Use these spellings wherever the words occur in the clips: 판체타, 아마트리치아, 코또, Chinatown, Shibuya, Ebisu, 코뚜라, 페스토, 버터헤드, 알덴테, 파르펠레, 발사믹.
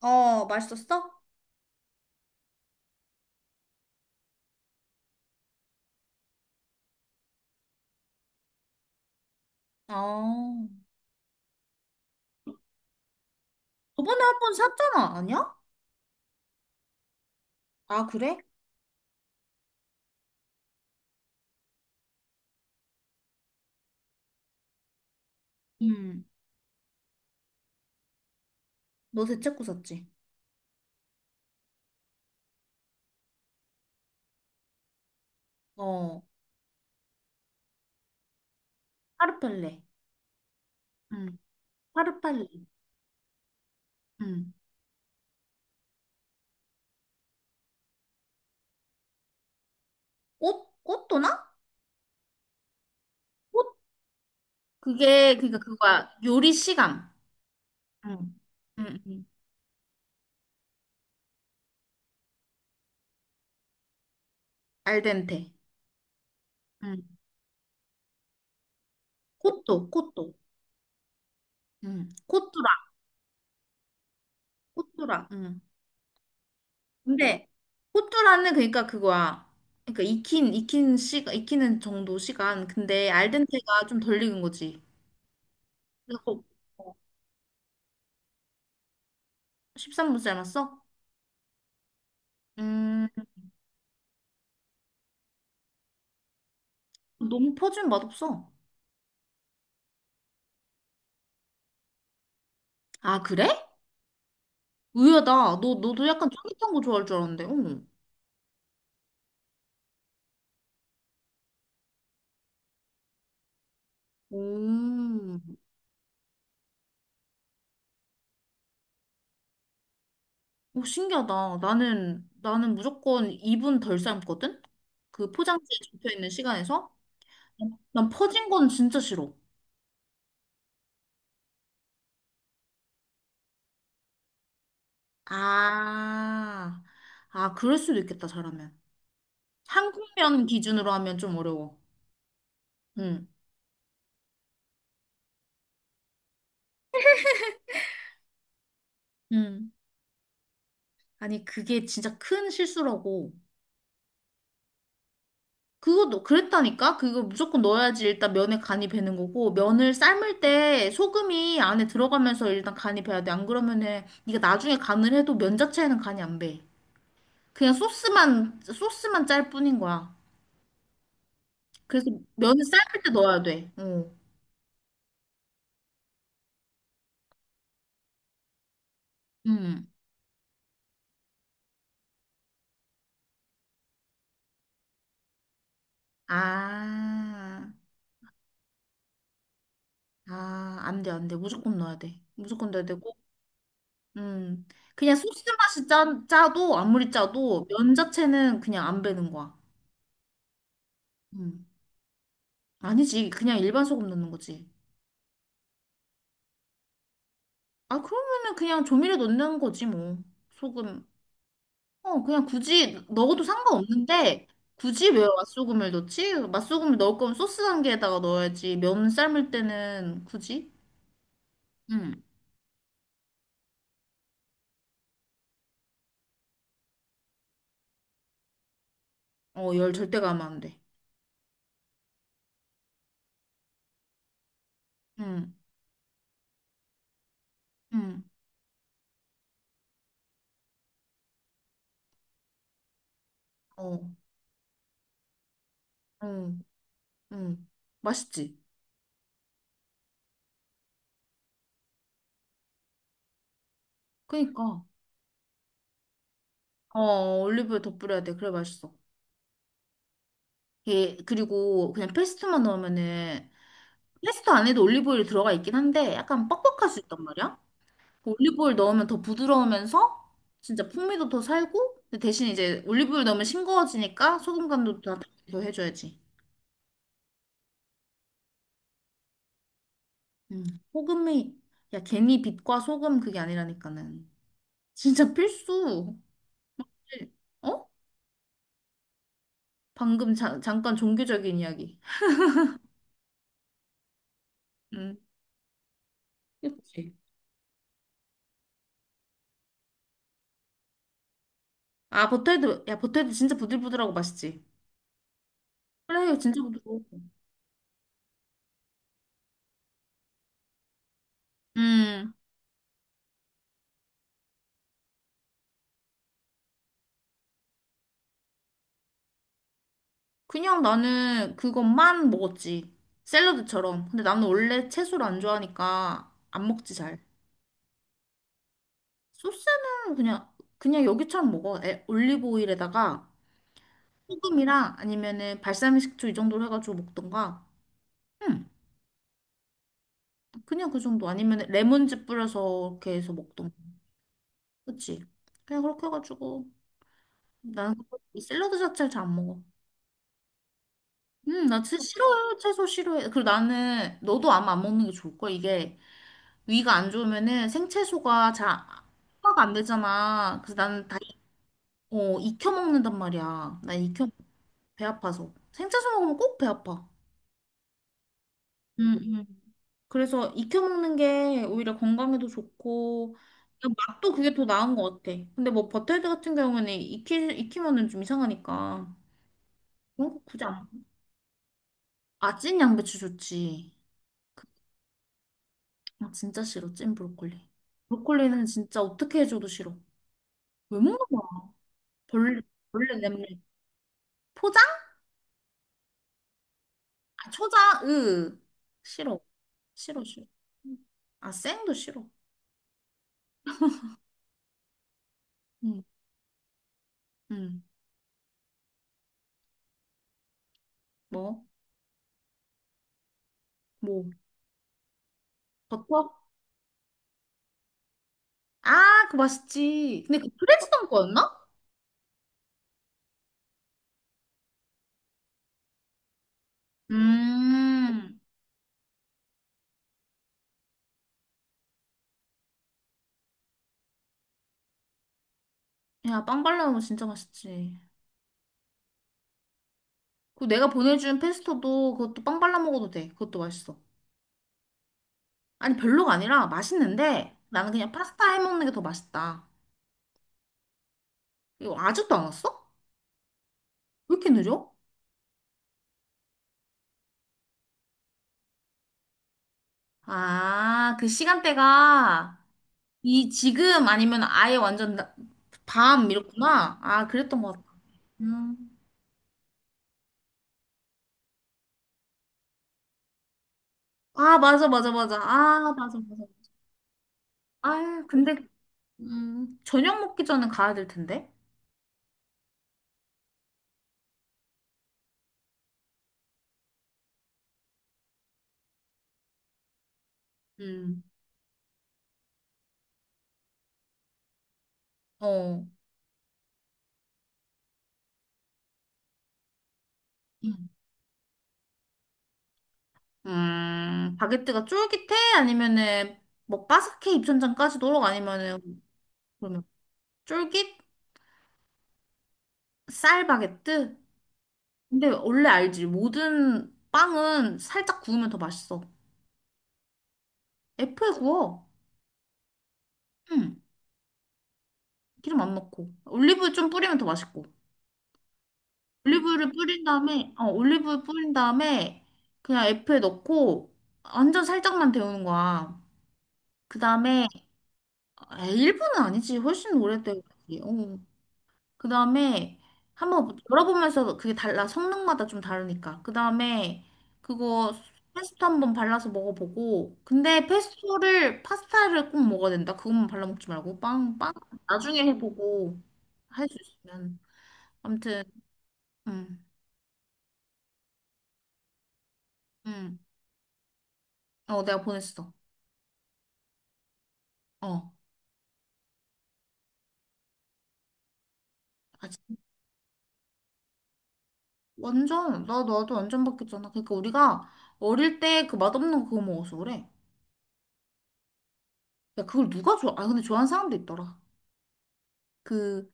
어, 맛있었어? 어. 저번에 한 번 샀잖아, 아니야? 아, 그래? 음, 너 대체코 샀지? 어. 파르펠레. 음, 파르팔레 음, 꽃? 꽃도나? 꽃? 그게, 그니까 그거야. 요리 시간. 음, 응 알덴테. 음. 코또, 코또. 음. 코뚜라, 코뚜라. 음. 근데 코뚜라는 그러니까 그거야. 그러니까 익힌 시간 익히는 정도 시간. 근데 알덴테가 좀 덜 익은 거지. 그거 13분 삶았어? 음, 너무 퍼진 맛없어. 아, 그래? 의외다. 너도 약간 쫄깃한 거 좋아할 줄 알았는데. 응. 오, 오, 신기하다. 나는 무조건 2분 덜 삶거든? 그 포장지에 적혀있는 시간에서? 난 퍼진 건 진짜 싫어. 아, 아, 그럴 수도 있겠다, 잘하면. 한국면 기준으로 하면 좀 어려워. 응, 응. 아니, 그게 진짜 큰 실수라고. 그것도 그랬다니까? 그거 무조건 넣어야지 일단 면에 간이 배는 거고 면을 삶을 때 소금이 안에 들어가면서 일단 간이 배야 돼. 안 그러면은 네가 나중에 간을 해도 면 자체에는 간이 안 배. 그냥 소스만 소스만 짤 뿐인 거야. 그래서 면을 삶을 때 넣어야 돼. 어. 음. 아. 아, 안 돼, 안 돼. 무조건 넣어야 돼. 무조건 넣어야 되고. 음. 그냥 소스 맛이 짜도 아무리 짜도 면 자체는 그냥 안 배는 거야. 음. 아니지. 그냥 일반 소금 넣는 거지. 아, 그러면은 그냥 조미료 넣는 거지, 뭐. 소금. 어, 그냥 굳이 넣어도 상관없는데, 굳이 왜 맛소금을 넣지? 맛소금을 넣을 거면 소스 단계에다가 넣어야지. 면 삶을 때는 굳이? 응. 어, 열 절대 가면 안 돼. 응, 응, 어, 응, 응. 맛있지? 그니까. 어, 올리브유 더 뿌려야 돼. 그래 맛있어. 예, 그리고 그냥 페스토만 넣으면은 페스토 안에도 올리브오일이 들어가 있긴 한데 약간 뻑뻑할 수 있단 말이야. 올리브오일 넣으면 더 부드러우면서 진짜 풍미도 더 살고 근데 대신 이제 올리브오일 넣으면 싱거워지니까 소금 간도 더 해줘야지. 음. 소금이 야 괜히 빛과 소금 그게 아니라니까는 진짜 필수. 어? 방금 잠깐 종교적인 이야기. 음. 그치. 아 버터헤드 야 버터헤드 진짜 부들부들하고 맛있지. 그래 진짜 부드러워. 음. 그냥 나는 그것만 먹었지. 샐러드처럼. 근데 나는 원래 채소를 안 좋아하니까 안 먹지 잘. 소스는 그냥, 그냥 여기처럼 먹어. 에, 올리브 오일에다가 소금이랑 아니면은 발사믹 식초 이 정도로 해가지고 먹던가. 응. 그냥 그 정도. 아니면 레몬즙 뿌려서 이렇게 해서 먹던가. 그치? 그냥 그렇게 해가지고. 나는 그거- 이 샐러드 자체를 잘 안 먹어. 응, 나 진짜 싫어요. 채소 싫어해. 그리고 나는 너도 아마 안 먹는 게 좋을걸. 이게 위가 안 좋으면은 생채소가 잘 소화가 안 되잖아. 그래서 나는 익혀 먹는단 말이야. 나 익혀 배 아파서. 생채소 먹으면 꼭 배 아파. 응응. 그래서 익혀 먹는 게 오히려 건강에도 좋고 그냥 맛도 그게 더 나은 것 같아. 근데 뭐 버터헤드 같은 경우는 익히면은 좀 이상하니까 그런 거 굳이 안. 아, 찐 양배추 좋지. 아, 진짜 싫어. 찐 브로콜리. 브로콜리는 진짜 어떻게 해줘도 싫어. 왜 먹는 거야? 벌레, 벌레 냄새. 포장? 아, 초장, 으. 싫어. 싫어, 싫어. 아, 생도 싫어. 응, 응. 뭐? 뭐? 버터? 아, 그거 맛있지. 근데 그 프레스던 거였나? 음. 야, 빵 발라 먹으면 진짜 맛있지. 그 내가 보내준 페스토도 그것도 빵 발라 먹어도 돼. 그것도 맛있어. 아니, 별로가 아니라 맛있는데 나는 그냥 파스타 해 먹는 게 더 맛있다. 이거 아직도 안 왔어? 왜 이렇게 느려? 아, 그 시간대가 이 지금 아니면 아예 완전 밤 이렇구나. 아, 그랬던 것 같아. 음. 아, 맞아, 맞아, 맞아. 아, 맞아, 맞아. 아, 근데 저녁 먹기 전에 가야 될 텐데. 음. 어. 음, 바게트가 쫄깃해? 아니면은 뭐 바삭해 입천장까지 도록 아니면은 그러면 쫄깃 쌀 바게트? 근데 원래 알지. 모든 빵은 살짝 구우면 더 맛있어. F에 구워. 응. 기름 안 넣고. 올리브유 좀 뿌리면 더 맛있고. 올리브유를 뿌린 다음에, 올리브유 뿌린 다음에 그냥 F에 넣고 완전 살짝만 데우는 거야. 그 다음에, 일 분은 아니지. 훨씬 오래 데우지. 어. 그 다음에 한번 뭐 열어보면서 그게 달라. 성능마다 좀 다르니까. 그 다음에 그거 페스토 한번 발라서 먹어보고. 근데 페스토를, 파스타를 꼭 먹어야 된다. 그것만 발라먹지 말고. 빵, 빵. 나중에 해보고. 할 수 있으면. 아무튼. 응, 응. 어, 내가 보냈어. 어. 아, 진- 완전, 나도 완전 바뀌었잖아. 그러니까 우리가 어릴 때 그 맛없는 그거 먹어서 그래. 야, 그걸 누가 좋아? 아, 근데 좋아하는 사람도 있더라. 그,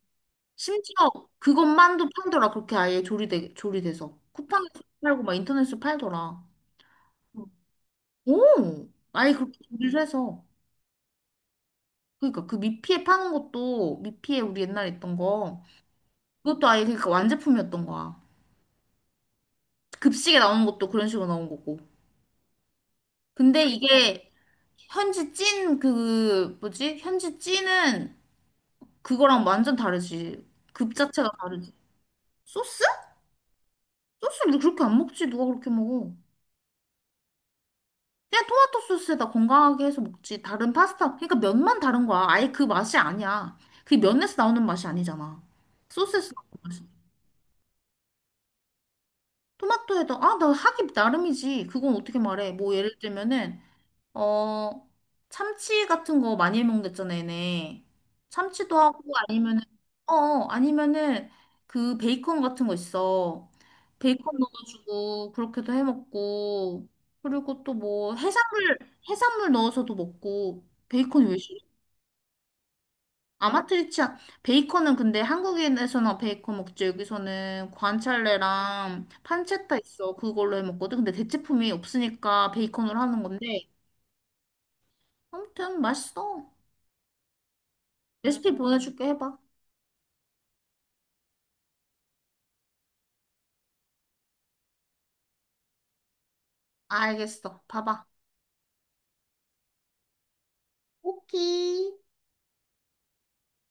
심지어 그것만도 팔더라. 그렇게 아예 조리돼서. 쿠팡에서 팔고 막 인터넷에서 팔더라. 오! 아예 그렇게 조리를 해서. 그러니까 그 미피에 파는 것도, 미피에 우리 옛날에 있던 거, 그것도 아예 그러니까 완제품이었던 거야. 급식에 나오는 것도 그런 식으로 나온 거고. 근데 이게 현지 찐 그 뭐지? 현지 찐은 그거랑 완전 다르지. 급 자체가 다르지. 소스? 소스를 그렇게 안 먹지. 누가 그렇게 먹어? 그냥 토마토 소스에다 건강하게 해서 먹지. 다른 파스타. 그러니까 면만 다른 거야. 아예 그 맛이 아니야. 그 면에서 나오는 맛이 아니잖아. 소스에서 나오는 맛이. 토마토에다 아, 나 하기 나름이지. 그건 어떻게 말해? 뭐 예를 들면은 어, 참치 같은 거 많이 해먹는댔잖아, 얘네. 참치도 하고, 아니면은, 어, 어, 아니면은, 그 베이컨 같은 거 있어. 베이컨 넣어가지고, 그렇게도 해먹고, 그리고 또 뭐, 해산물, 해산물 넣어서도 먹고, 베이컨이 왜 싫어? 아마트리치아, 베이컨은 근데 한국에서나 베이컨 먹지, 여기서는 관찰레랑 판체타 있어. 그걸로 해먹거든. 근데 대체품이 없으니까 베이컨으로 하는 건데, 아무튼 맛있어. 레시피 보내줄게 해봐. 알겠어. 봐봐. 오케이.